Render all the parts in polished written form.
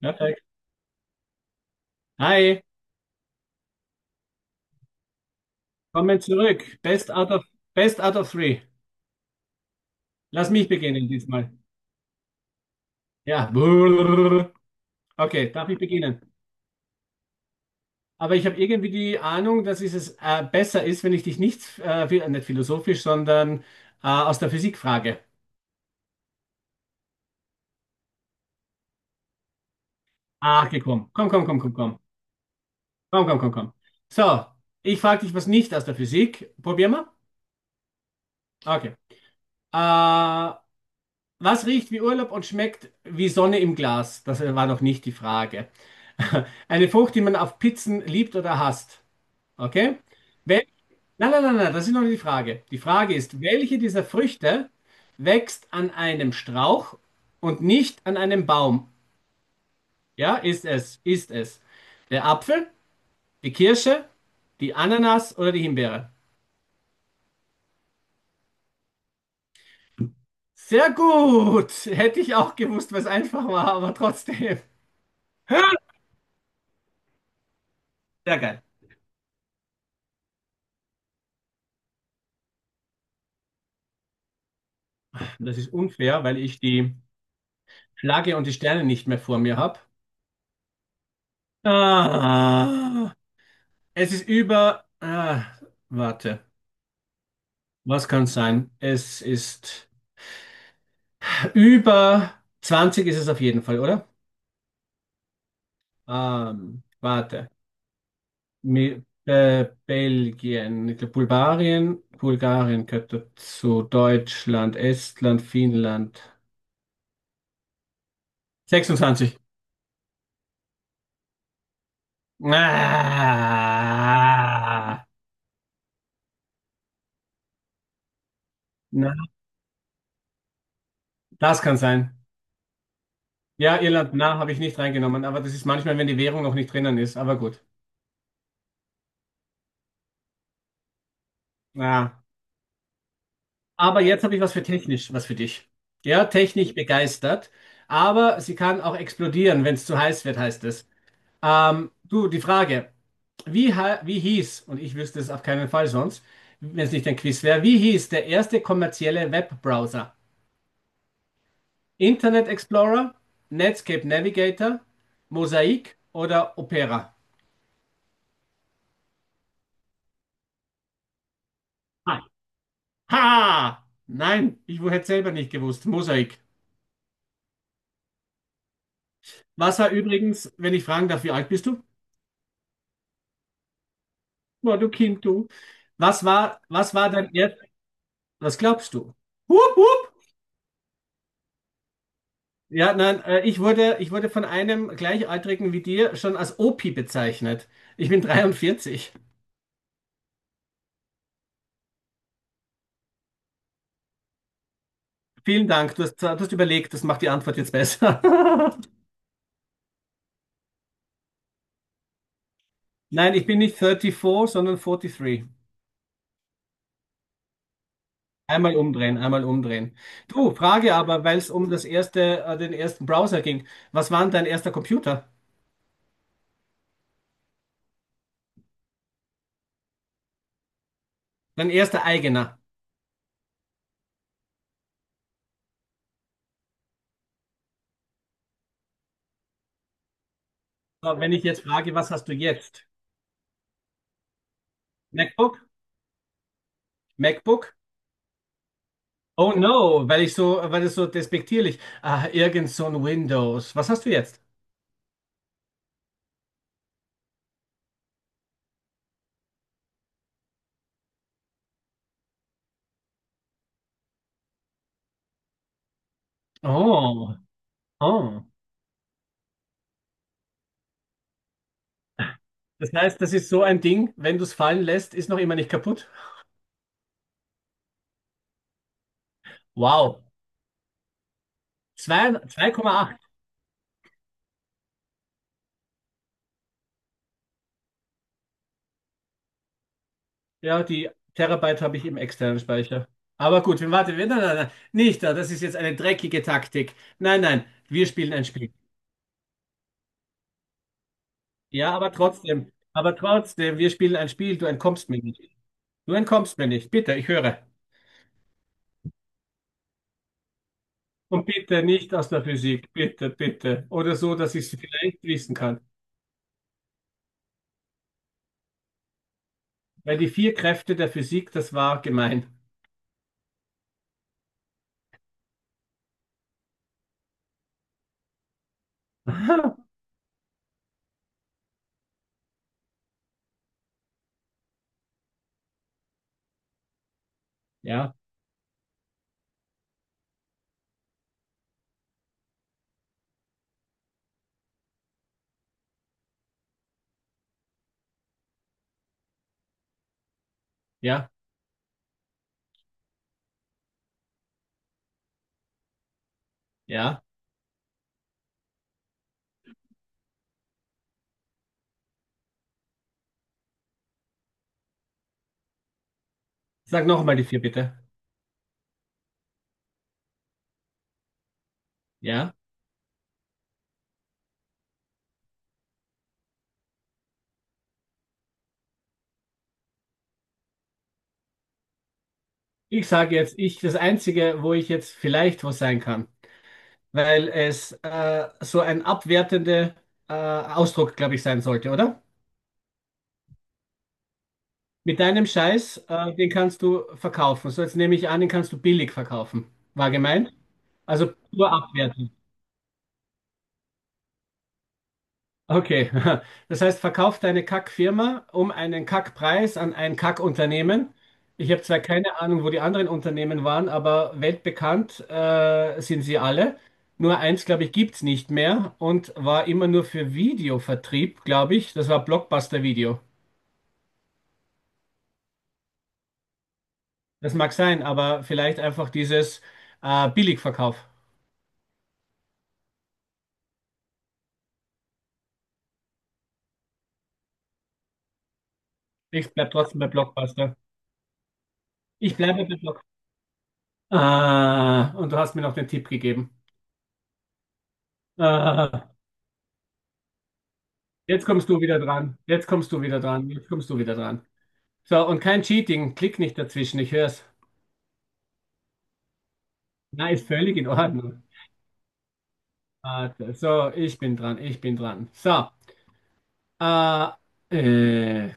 Perfekt. Hi, kommen zurück. Best out of three. Lass mich beginnen diesmal. Ja. Okay, darf ich beginnen? Aber ich habe irgendwie die Ahnung, dass es besser ist, wenn ich dich nicht, nicht philosophisch, sondern aus der Physik frage. Ach, okay, komm, komm, komm, komm, komm, komm, komm, komm, komm, komm. So, ich frage dich was nicht aus der Physik. Probier mal. Okay. Äh, Was riecht wie Urlaub und schmeckt wie Sonne im Glas? Das war noch nicht die Frage. Eine Frucht, die man auf Pizzen liebt oder hasst. Okay? Wel Nein, nein, nein, nein, das ist noch nicht die Frage. Die Frage ist, welche dieser Früchte wächst an einem Strauch und nicht an einem Baum? Ja, ist es, ist es. Der Apfel, die Kirsche, die Ananas oder die Himbeere? Sehr gut! Hätte ich auch gewusst, was einfach war, aber trotzdem. Sehr geil. Das ist unfair, weil ich die Flagge und die Sterne nicht mehr vor mir habe. Ah, es ist über. Ah, warte, was kann es sein? Es ist über 20 ist es auf jeden Fall, oder? Warte. Belgien, ich glaub, Bulgarien, gehört dazu, Deutschland, Estland, Finnland. 26. Ah, na, das kann sein. Ja, Irland, na, habe ich nicht reingenommen, aber das ist manchmal, wenn die Währung noch nicht drinnen ist, aber gut. Na, aber jetzt habe ich was für technisch, was für dich. Ja, technisch begeistert, aber sie kann auch explodieren, wenn es zu heiß wird, heißt es. Du, die Frage, wie hieß, und ich wüsste es auf keinen Fall sonst, wenn es nicht ein Quiz wäre, wie hieß der erste kommerzielle Webbrowser? Internet Explorer, Netscape Navigator, Mosaic oder Opera? Ha! Nein, ich hätte selber nicht gewusst. Mosaik. Was war übrigens, wenn ich fragen darf, wie alt bist du? Boah, du Kind, du. Was war dein erst, Was glaubst du? Hup, hup. Ja, nein, ich wurde von einem Gleichaltrigen wie dir schon als Opi bezeichnet. Ich bin 43. Vielen Dank, du hast überlegt, das macht die Antwort jetzt besser. Nein, ich bin nicht 34, sondern 43. Einmal umdrehen, einmal umdrehen. Du, Frage aber, weil es um den ersten Browser ging. Was war denn dein erster Computer? Dein erster eigener? So, wenn ich jetzt frage, was hast du jetzt? MacBook? MacBook? Oh no, weil es so despektierlich. Ah, irgend so ein Windows. Was hast du jetzt? Oh, oh. Das heißt, das ist so ein Ding, wenn du es fallen lässt, ist noch immer nicht kaputt. Wow. Zwei Komma acht. Ja, die Terabyte habe ich im externen Speicher. Aber gut, wir warten. Nein, nein, nein. Nicht da. Das ist jetzt eine dreckige Taktik. Nein, nein. Wir spielen ein Spiel. Ja, aber trotzdem. Aber trotzdem, wir spielen ein Spiel. Du entkommst mir nicht. Du entkommst mir nicht. Bitte, ich höre. Und bitte nicht aus der Physik. Bitte, bitte. Oder so, dass ich es vielleicht wissen kann. Weil die vier Kräfte der Physik, das war gemein. Ja, ja, ja. Sag nochmal die vier, bitte. Ja. Ich sage jetzt, das Einzige, wo ich jetzt vielleicht was sein kann. Weil es so ein abwertender Ausdruck, glaube ich, sein sollte, oder? Mit deinem Scheiß, den kannst du verkaufen. So, jetzt nehme ich an, den kannst du billig verkaufen. War gemeint? Also nur abwertend. Okay, das heißt, verkauf deine Kackfirma um einen Kackpreis an ein Kackunternehmen. Ich habe zwar keine Ahnung, wo die anderen Unternehmen waren, aber weltbekannt sind sie alle. Nur eins, glaube ich, gibt's nicht mehr und war immer nur für Videovertrieb, glaube ich. Das war Blockbuster-Video. Das mag sein, aber vielleicht einfach dieses Billigverkauf. Ich bleib trotzdem bei Blockbuster. Ich bleibe bei Blockbuster. Ah, und du hast mir noch den Tipp gegeben. Ah. Jetzt kommst du wieder dran. Jetzt kommst du wieder dran. Jetzt kommst du wieder dran. So, und kein Cheating. Klick nicht dazwischen. Ich hör's. Na, ist völlig in Ordnung. Warte, so, ich bin dran. Ich bin dran. So, äh, äh,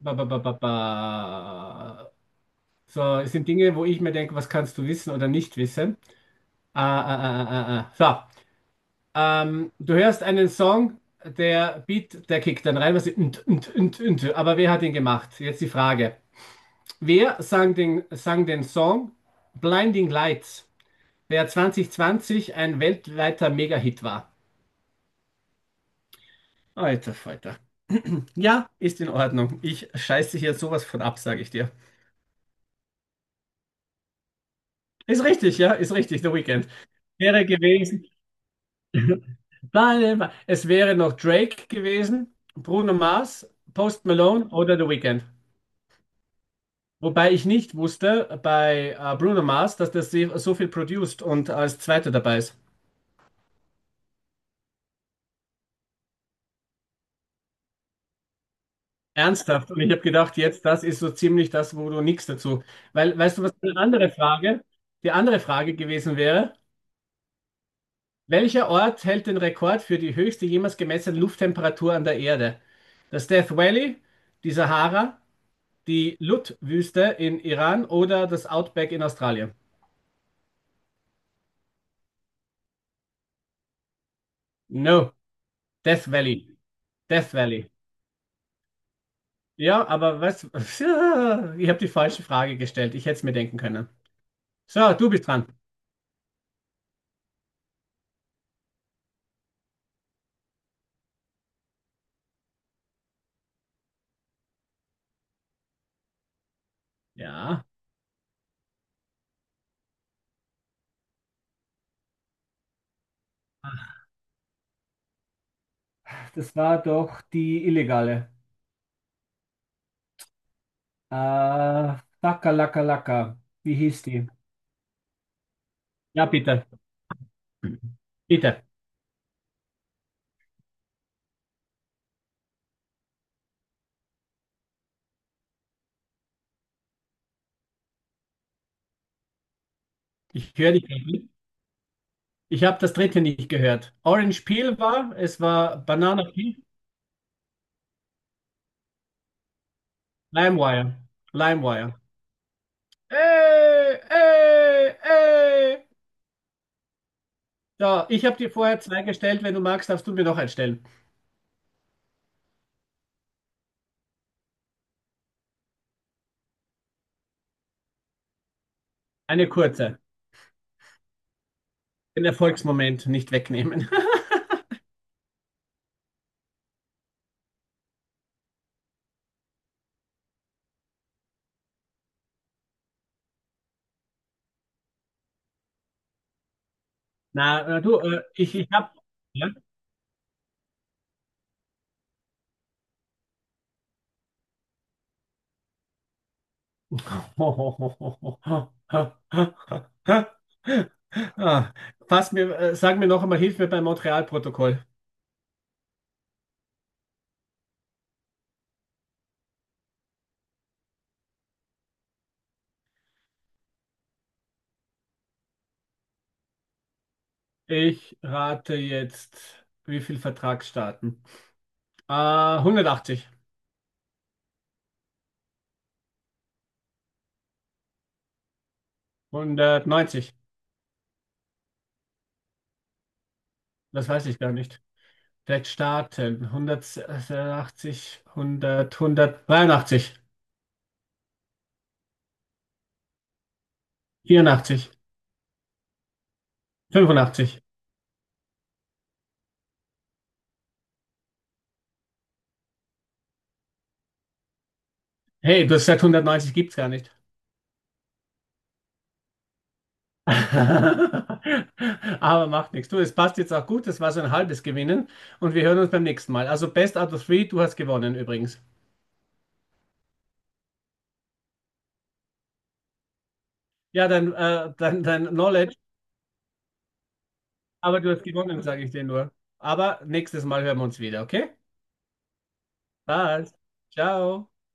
ba, ba, ba, ba, ba. So, es sind Dinge, wo ich mir denke, was kannst du wissen oder nicht wissen. So, du hörst einen Song, der Beat, der kickt dann rein, was und. Aber wer hat ihn gemacht? Jetzt die Frage. Wer sang den Song Blinding Lights, der 2020 ein weltweiter Mega-Hit war? Alter Falter. Ja, ist in Ordnung. Ich scheiße hier sowas von ab, sage ich dir. Ist richtig, ja, ist richtig, The Weeknd. Wäre gewesen. Es wäre noch Drake gewesen, Bruno Mars, Post Malone oder The Weeknd. Wobei ich nicht wusste bei Bruno Mars, dass das so viel produced und als Zweiter dabei ist. Ernsthaft. Und ich habe gedacht, jetzt, das ist so ziemlich das, wo du nichts dazu. Weil, weißt du, was die andere Frage gewesen wäre? Welcher Ort hält den Rekord für die höchste jemals gemessene Lufttemperatur an der Erde? Das Death Valley, die Sahara, die Lut-Wüste in Iran oder das Outback in Australien? No, Death Valley. Death Valley. Ja, aber was? Ich habe die falsche Frage gestellt. Ich hätte es mir denken können. So, du bist dran. Ja, das war doch die illegale. Äh, Laka Laka Laka. Wie hieß die? Ja, bitte. Bitte. Ich höre dich nicht. Ich habe das dritte nicht gehört. Orange Peel war, es war Banana Peel, LimeWire. LimeWire. Ey, ey, ey. So, ich habe dir vorher zwei gestellt. Wenn du magst, darfst du mir noch eins stellen. Eine kurze. Den Erfolgsmoment nicht wegnehmen. Na, du, ich habe. Ah, sag mir noch einmal, hilf mir beim Montreal-Protokoll. Ich rate jetzt, wie viel Vertragsstaaten? Ah, 180, 190, das weiß ich gar nicht. Vielleicht Staaten, 180, 100, 183, 84, 85. Hey, das seit 190 gibt's gar nicht. Aber macht nichts. Du, es passt jetzt auch gut. Das war so ein halbes Gewinnen. Und wir hören uns beim nächsten Mal. Also Best out of three, du hast gewonnen übrigens. Ja, dein Knowledge, aber du hast gewonnen, sage ich dir nur. Aber nächstes Mal hören wir uns wieder, okay? Passt. Ciao.